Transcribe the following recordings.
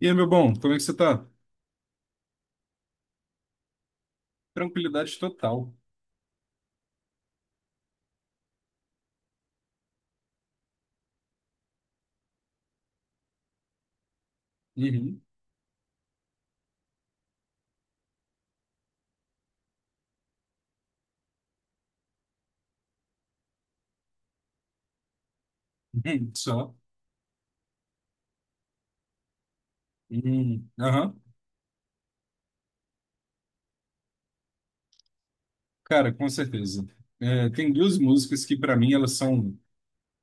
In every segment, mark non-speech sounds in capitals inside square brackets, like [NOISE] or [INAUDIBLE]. E aí, meu bom, como é que você tá? Tranquilidade total. Uhum. Uhum. Só. Uhum. Aham. Cara, com certeza. É, tem duas músicas que, para mim, elas são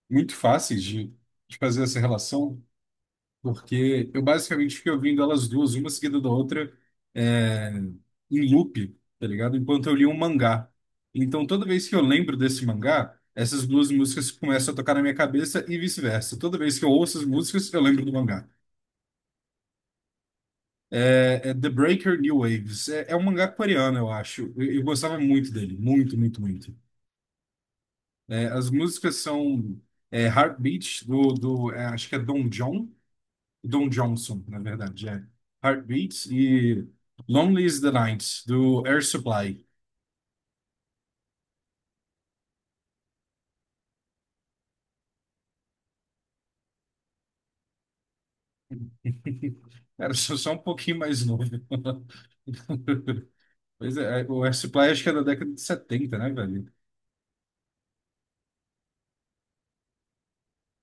muito fáceis de fazer essa relação, porque eu basicamente fiquei ouvindo elas duas, uma seguida da outra, é, em loop, tá ligado? Enquanto eu li um mangá. Então, toda vez que eu lembro desse mangá, essas duas músicas começam a tocar na minha cabeça e vice-versa. Toda vez que eu ouço as músicas, eu lembro do mangá. É The Breaker New Waves. É um mangá coreano, eu acho. Eu gostava muito dele. Muito, muito, muito. É, as músicas são é, Heartbeat, do é, acho que é Don John. Don Johnson, na verdade. É. Heartbeat e Lonely is the Night, do Air Supply. [LAUGHS] Era só um pouquinho mais novo. [LAUGHS] Pois o Air Supply acho que é da década de 70, né, velho?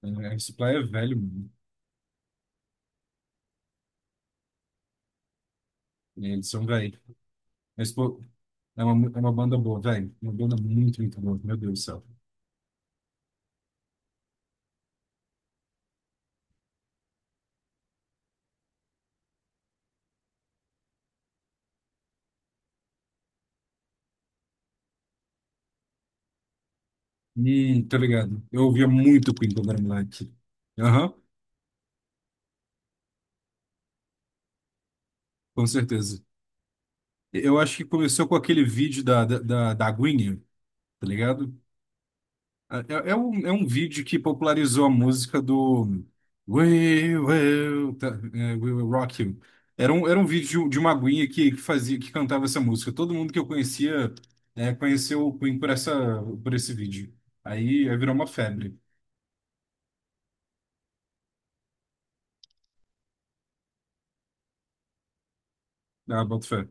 É, Air Supply é velho, mano. Eles são velho. Mas, pô, é uma banda boa, velho. Uma banda muito, muito boa, meu Deus do céu. Tá ligado. Eu ouvia muito Queen quando era moleque. Aham, com certeza. Eu acho que começou com aquele vídeo da Gwyneth, tá ligado? É um, é um vídeo que popularizou a música do We Will, tá, é, We Will Rock You. Era um vídeo de de uma Gwyneth que fazia, que cantava essa música. Todo mundo que eu conhecia, é, conheceu o Queen por essa, por esse vídeo. Aí virou uma febre. Ah, boto fé.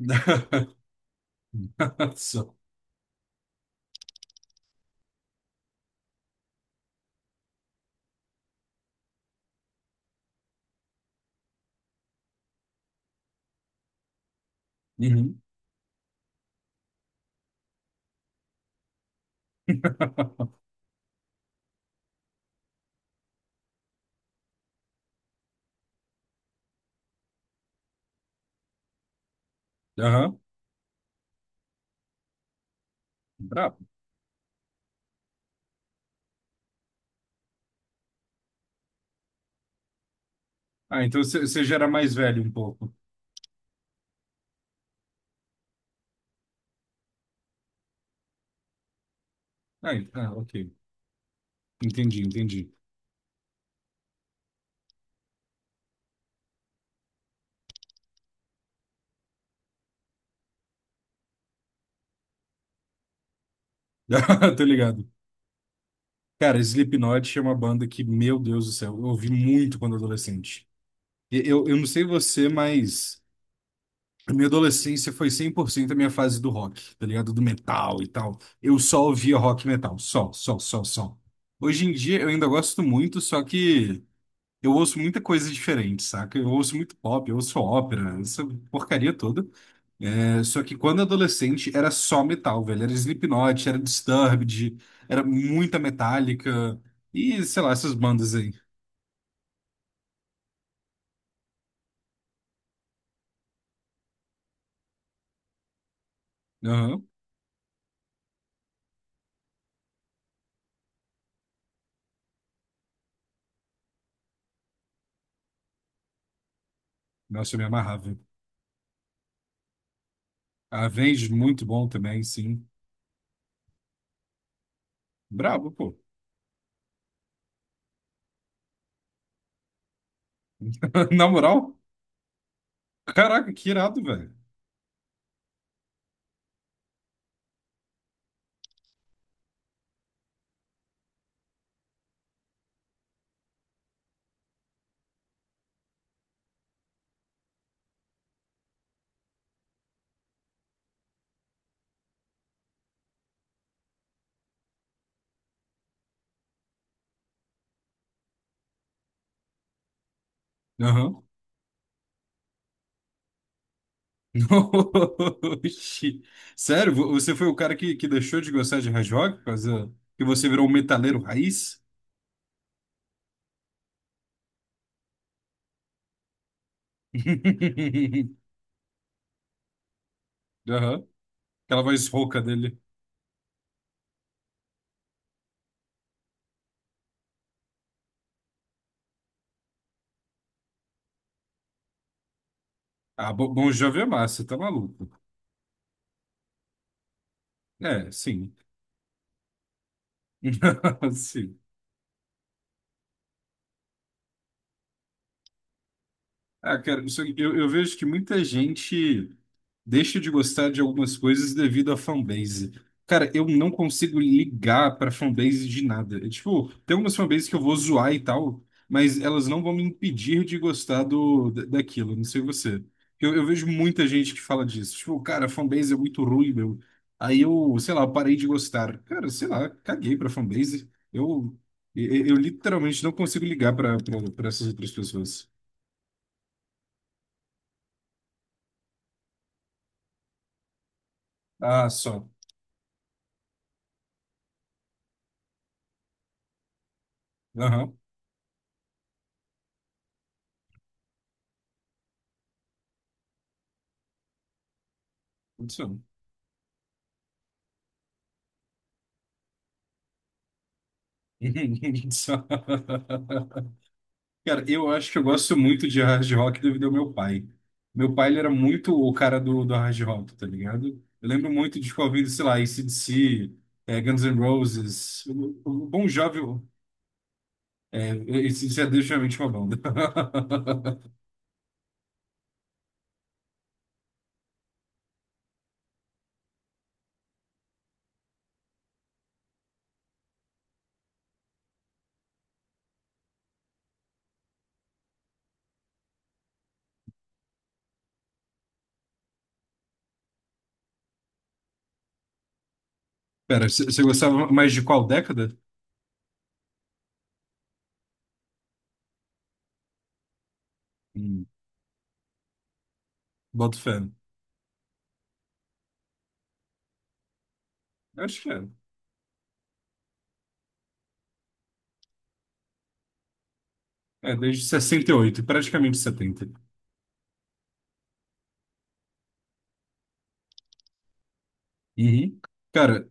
[LAUGHS] Só. Uhum. [LAUGHS] Aham. Brabo. Ah, então você já era mais velho um pouco. Ah, ok. Entendi, entendi. [LAUGHS] Tô ligado. Cara, Slipknot é uma banda que, meu Deus do céu, eu ouvi muito quando adolescente. Eu não sei você, mas a minha adolescência foi 100% a minha fase do rock, tá ligado? Do metal e tal. Eu só ouvia rock e metal. Só, só, só, só. Hoje em dia eu ainda gosto muito, só que. Eu ouço muita coisa diferente, saca? Eu ouço muito pop, eu ouço ópera, essa porcaria toda. É, só que quando adolescente era só metal, velho. Era Slipknot, era Disturbed, era muita Metallica e, sei lá, essas bandas aí. Aham. Nossa, eu me amarrava. Avenged, muito bom também, sim. Brabo, pô. [LAUGHS] Na moral, caraca, que irado, velho. Aham. [LAUGHS] Oxi. Sério, você foi o cara que deixou de gostar de hard rock por causa que você virou um metaleiro raiz? [LAUGHS] Aham. Aquela voz rouca dele. Ah, Bon Jovi é massa, tá maluco. É, sim. [LAUGHS] Sim. Ah, cara, isso- eu vejo que muita gente deixa de gostar de algumas coisas devido à fanbase. Cara, eu não consigo ligar pra fanbase de nada. É, tipo, tem algumas fanbases que eu vou zoar e tal, mas elas não vão me impedir de gostar do, daquilo. Não sei você. Eu vejo muita gente que fala disso. Tipo, cara, a fanbase é muito ruim, meu. Aí eu, sei lá, parei de gostar. Cara, sei lá, caguei pra fanbase. Eu literalmente não consigo ligar pra pra essas outras pessoas. Ah, só. Aham, muito som. [LAUGHS] Só- Cara, eu acho que eu gosto muito de hard rock devido ao meu pai. Meu pai, ele era muito o cara do hard rock, tá ligado? Eu lembro muito de ficar ouvindo, sei lá, AC/DC, Guns N' Roses, o Bon Jovi, é, AC/DC é definitivamente uma banda. [LAUGHS] Pera, você gostava mais de qual década? Hum, boto fé. Eu acho que é. É, desde 68, praticamente setenta. Uhum. Cara,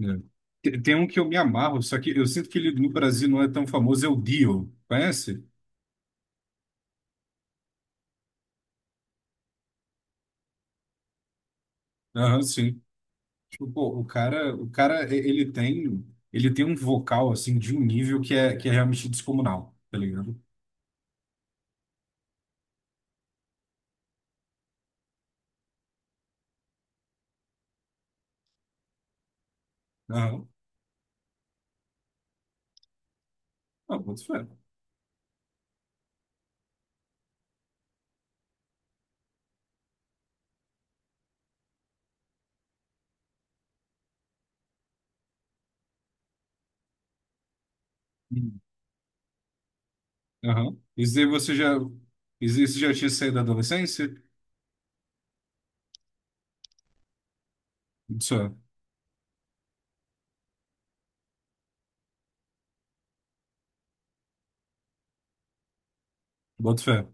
é. Tem um que eu me amarro, só que eu sinto que ele no Brasil não é tão famoso, é o Dio. Conhece? Aham, sim. Tipo, pô, o cara, ele tem um vocal, assim, de um nível que é realmente descomunal, tá ligado? Aham. Ah, boto fé. Hum. Aham. Isso aí você já, isso já tinha saído da adolescência? Isso é, boto fé.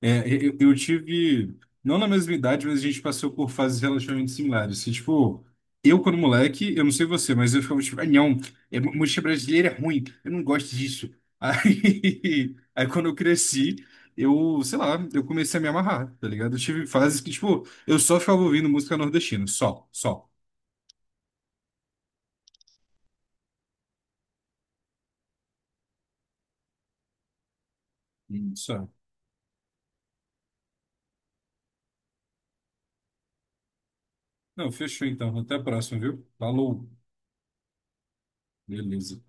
É, eu tive, não na mesma idade, mas a gente passou por fases relativamente similares. Que, tipo, eu quando moleque, eu não sei você, mas eu ficava tipo, ah, não, é, mu- música brasileira é ruim, eu não gosto disso. Aí, [LAUGHS] aí quando eu cresci, eu, sei lá, eu comecei a me amarrar, tá ligado? Eu tive fases que, tipo, eu só ficava ouvindo música nordestina, só, só, só. Não, fechou então, até a próxima, viu? Falou, beleza.